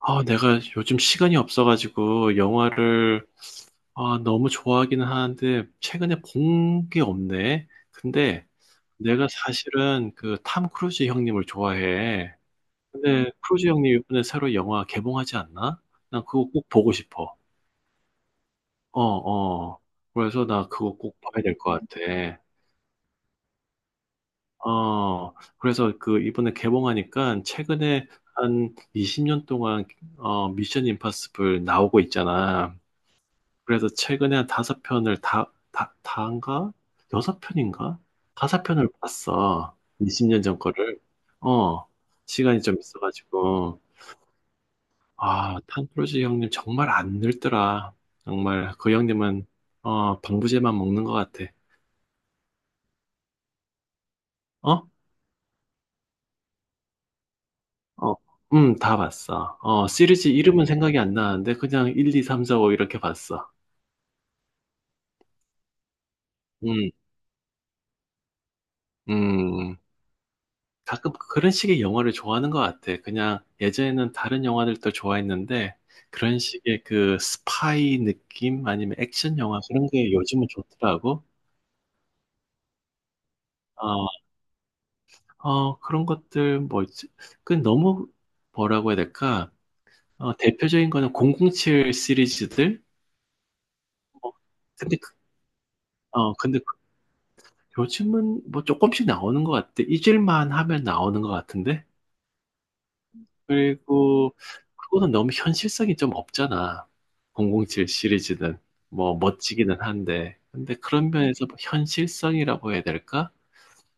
아, 내가 요즘 시간이 없어가지고 영화를 너무 좋아하기는 하는데 최근에 본 게 없네. 근데 내가 사실은 그 탐 크루즈 형님을 좋아해. 근데 크루즈 형님 이번에 새로 영화 개봉하지 않나? 난 그거 꼭 보고 싶어. 어, 어. 그래서 나 그거 꼭 봐야 될 것 같아. 어, 그래서 그 이번에 개봉하니까 최근에 한 20년 동안 미션 임파서블 나오고 있잖아. 그래서 최근에 한 다섯 편을 다인가? 여섯 편인가? 다섯 편을 봤어. 20년 전 거를. 어, 시간이 좀 있어가지고. 아, 탄프로지 형님 정말 안 늙더라. 정말 그 형님은, 방부제만 먹는 것 같아. 어? 어, 다 봤어. 시리즈 이름은 생각이 안 나는데 그냥 1, 2, 3, 4, 5 이렇게 봤어. 음, 음. 가끔 그런 식의 영화를 좋아하는 것 같아. 그냥 예전에는 다른 영화들도 좋아했는데 그런 식의 그 스파이 느낌 아니면 액션 영화 그런 게 요즘은 좋더라고. 어, 그런 것들 뭐 있지? 그 너무 뭐라고 해야 될까? 대표적인 거는 007 시리즈들. 뭐, 근데 어, 근데 그- 요즘은 뭐 조금씩 나오는 것 같아. 잊을만 하면 나오는 것 같은데. 그리고 그거는 너무 현실성이 좀 없잖아. 007 시리즈는 뭐 멋지기는 한데 근데 그런 면에서 뭐 현실성이라고 해야 될까?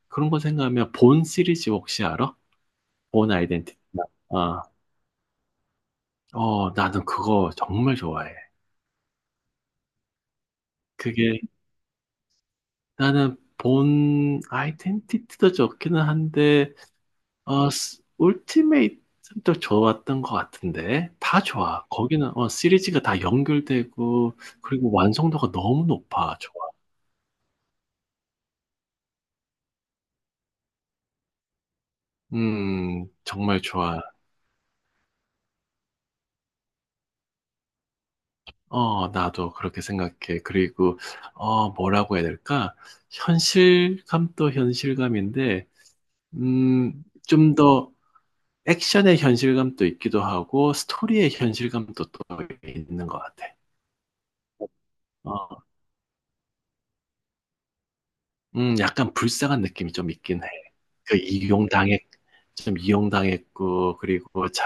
그런 거 생각하면 본 시리즈 혹시 알아? 본 아이덴티티. 아, 나는 그거 정말 좋아해. 그게 나는 본 아이덴티티도 좋기는 한데 울티메이트도 좋았던 것 같은데, 다 좋아. 거기는, 시리즈가 다 연결되고, 그리고 완성도가 너무 높아. 좋아. 정말 좋아. 나도 그렇게 생각해. 그리고, 뭐라고 해야 될까? 현실감도 현실감인데, 좀 더 액션의 현실감도 있기도 하고, 스토리의 현실감도 또 있는 것 같아. 어, 약간 불쌍한 느낌이 좀 있긴 해. 그 이용당해 좀 이용당했고, 그리고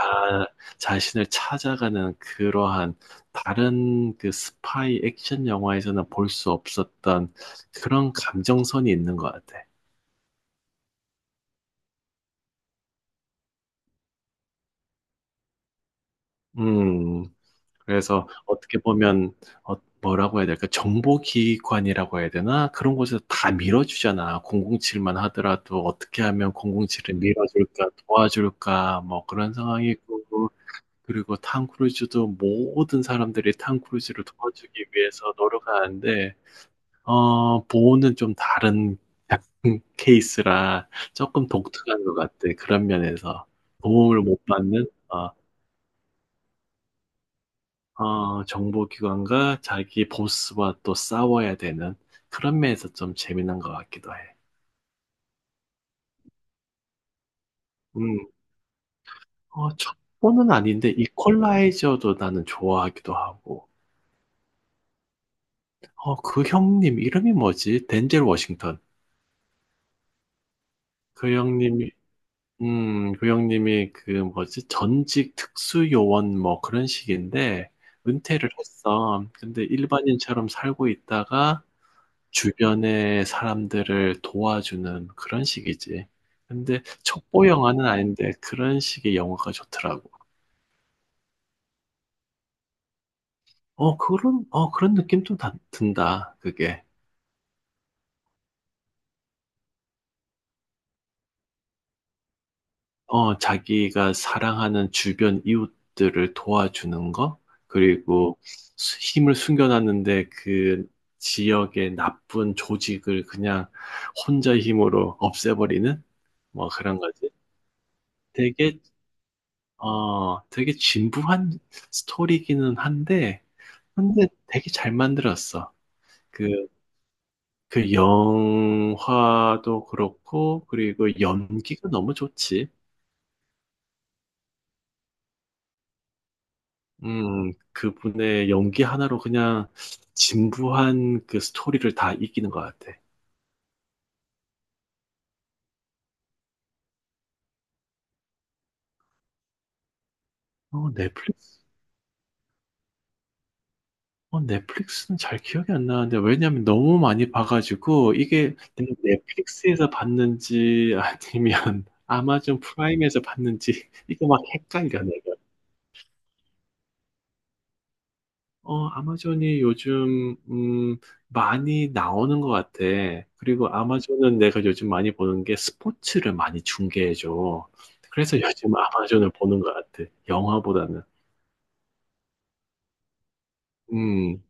자신을 찾아가는 그러한 다른 그 스파이 액션 영화에서는 볼 수 없었던 그런 감정선이 있는 것 같아. 음, 그래서 어떻게 보면, 어, 뭐라고 해야 될까? 정보기관이라고 해야 되나? 그런 곳에서 다 밀어주잖아. 007만 하더라도 어떻게 하면 007을 밀어줄까, 도와줄까, 뭐 그런 상황이고. 그리고 탐 크루즈도 모든 사람들이 탐 크루즈를 도와주기 위해서 노력하는데 보호는 좀 다른 케이스라 조금 독특한 것 같아. 그런 면에서 도움을 못 받는 정보기관과 자기 보스와 또 싸워야 되는 그런 면에서 좀 재미난 것 같기도 해. 음, 첩보는 아닌데 이퀄라이저도 나는 좋아하기도 하고. 그 형님 이름이 뭐지? 덴젤 워싱턴. 그 형님이 고영님이 그 뭐지? 전직 특수요원 뭐 그런 식인데 은퇴를 했어. 근데 일반인처럼 살고 있다가 주변의 사람들을 도와주는 그런 식이지. 근데 첩보 영화는 아닌데 그런 식의 영화가 좋더라고. 그런 느낌 좀 든다. 그게. 자기가 사랑하는 주변 이웃들을 도와주는 거, 그리고 힘을 숨겨놨는데 그 지역의 나쁜 조직을 그냥 혼자 힘으로 없애버리는 뭐 그런 거지. 되게, 되게 진부한 스토리기는 한데, 근데 되게 잘 만들었어. 그, 그 영화도 그렇고, 그리고 연기가 너무 좋지. 그분의 연기 하나로 그냥 진부한 그 스토리를 다 이기는 것 같아. 넷플릭스? 넷플릭스는 잘 기억이 안 나는데, 왜냐면 너무 많이 봐가지고, 이게 내가 넷플릭스에서 봤는지, 아니면 아마존 프라임에서 봤는지, 이거 막 헷갈려, 내가. 아마존이 요즘, 많이 나오는 것 같아. 그리고 아마존은 내가 요즘 많이 보는 게 스포츠를 많이 중계해줘. 그래서 요즘 아마존을 보는 것 같아. 영화보다는. 음,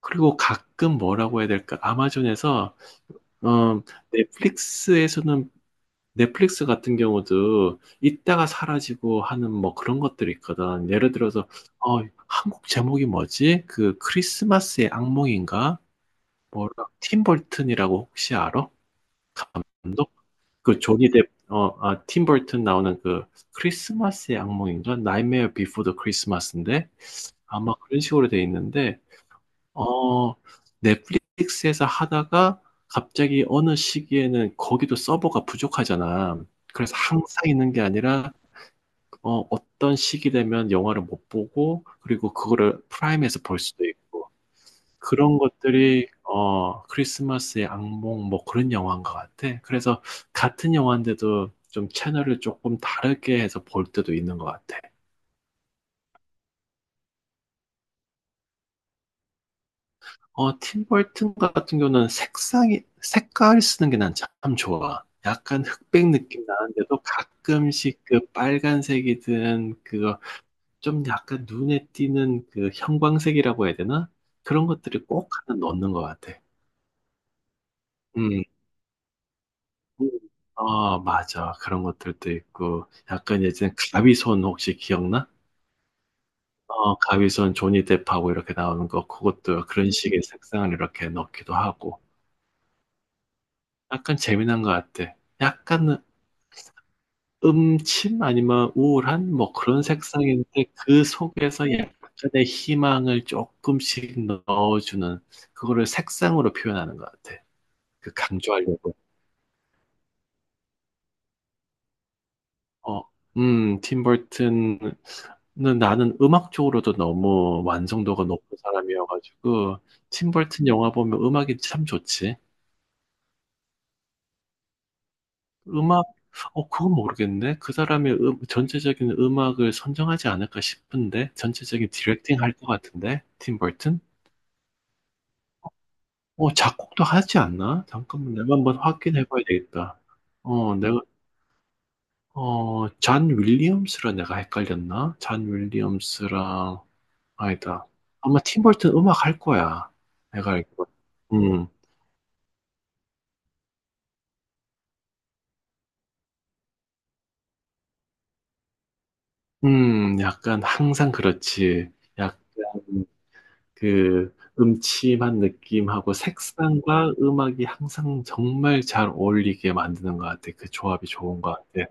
그리고 가끔 뭐라고 해야 될까? 아마존에서, 음, 넷플릭스에서는 넷플릭스 같은 경우도 있다가 사라지고 하는 뭐 그런 것들이 있거든. 예를 들어서, 어, 한국 제목이 뭐지? 그 크리스마스의 악몽인가? 뭐라 팀 버튼이라고 혹시 알아? 감독? 그 조니 뎁, 팀 버튼 나오는 그 크리스마스의 악몽인가? 나이메어 비포 더 크리스마스인데 아마 그런 식으로 돼 있는데 어 넷플릭스에서 하다가 갑자기 어느 시기에는 거기도 서버가 부족하잖아. 그래서 항상 있는 게 아니라 어떤 시기 되면 영화를 못 보고 그리고 그거를 프라임에서 볼 수도 있고 그런 것들이 크리스마스의 악몽 뭐 그런 영화인 것 같아. 그래서 같은 영화인데도 좀 채널을 조금 다르게 해서 볼 때도 있는 것 같아. 팀 버튼 같은 경우는 색상이 색깔 쓰는 게 난 참 좋아. 약간 흑백 느낌 나는데도 가끔씩 그 빨간색이든 그거 좀 약간 눈에 띄는 그 형광색이라고 해야 되나? 그런 것들이 꼭 하나 넣는 것 같아. 음. 맞아. 그런 것들도 있고. 약간 예전에 가위손 혹시 기억나? 가위손 조니 뎁하고 이렇게 나오는 거. 그것도 그런 식의 색상을 이렇게 넣기도 하고. 약간 재미난 것 같아. 약간 음침 아니면 우울한 뭐 그런 색상인데 그 속에서 약간의 희망을 조금씩 넣어주는 그거를 색상으로 표현하는 것 같아. 그 강조하려고. 어, 팀 버튼은 나는 음악 쪽으로도 너무 완성도가 높은 사람이어가지고, 팀 버튼 영화 보면 음악이 참 좋지. 음악, 그건 모르겠네. 그 사람의 전체적인 음악을 선정하지 않을까 싶은데, 전체적인 디렉팅 할 것 같은데, 팀 버튼? 작곡도 하지 않나? 잠깐만, 내가 한번 확인해 봐야 되겠다. 내가, 잔 윌리엄스랑 내가 헷갈렸나? 잔 윌리엄스랑, 아니다. 아마 팀 버튼 음악 할 거야. 내가 알기로. 음, 약간 항상 그렇지. 약간 그 음침한 느낌하고 색상과 음악이 항상 정말 잘 어울리게 만드는 것 같아. 그 조합이 좋은 것 같아.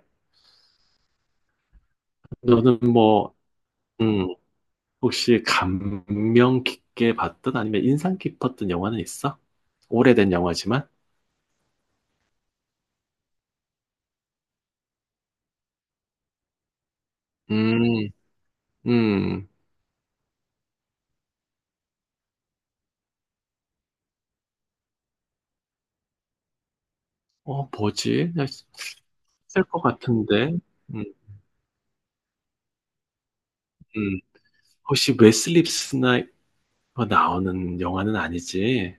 너는 뭐, 음, 혹시 감명 깊게 봤던 아니면 인상 깊었던 영화는 있어? 오래된 영화지만? 음, 음, 뭐지? 있을 것 같은데. 음. 음. 혹시 웨슬리 스나이퍼 나오는 영화는 아니지?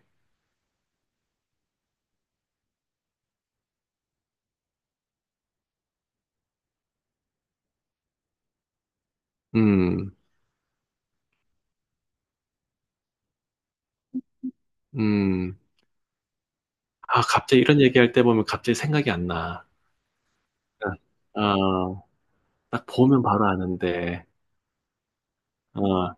음, 음. 아, 갑자기 이런 얘기할 때 보면 갑자기 생각이 안 나. 아, 딱 보면 바로 아는데. 어,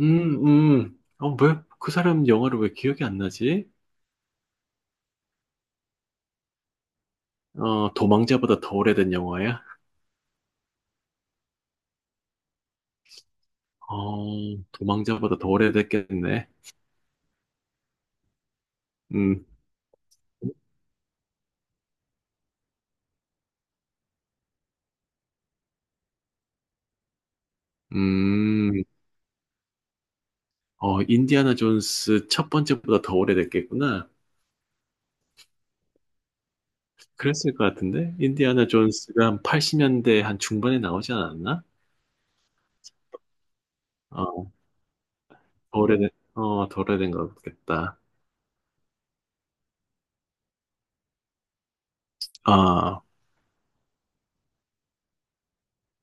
음, 왜, 그 사람 영화를 왜 기억이 안 나지? 어, 도망자보다 더 오래된 영화야? 어, 도망자보다 더 오래됐겠네. 음, 음. 어, 인디아나 존스 첫 번째보다 더 오래됐겠구나. 그랬을 것 같은데? 인디아나 존스가 한 80년대 한 중반에 나오지 않았나? 어, 더 오래된, 더 오래된 것 같겠다. 아,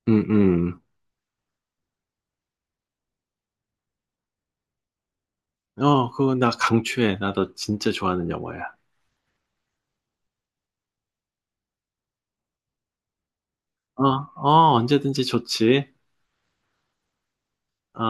음, 음. 어, 그거 나 강추해. 나도 진짜 좋아하는 영화야. 어, 어, 언제든지 좋지. 어.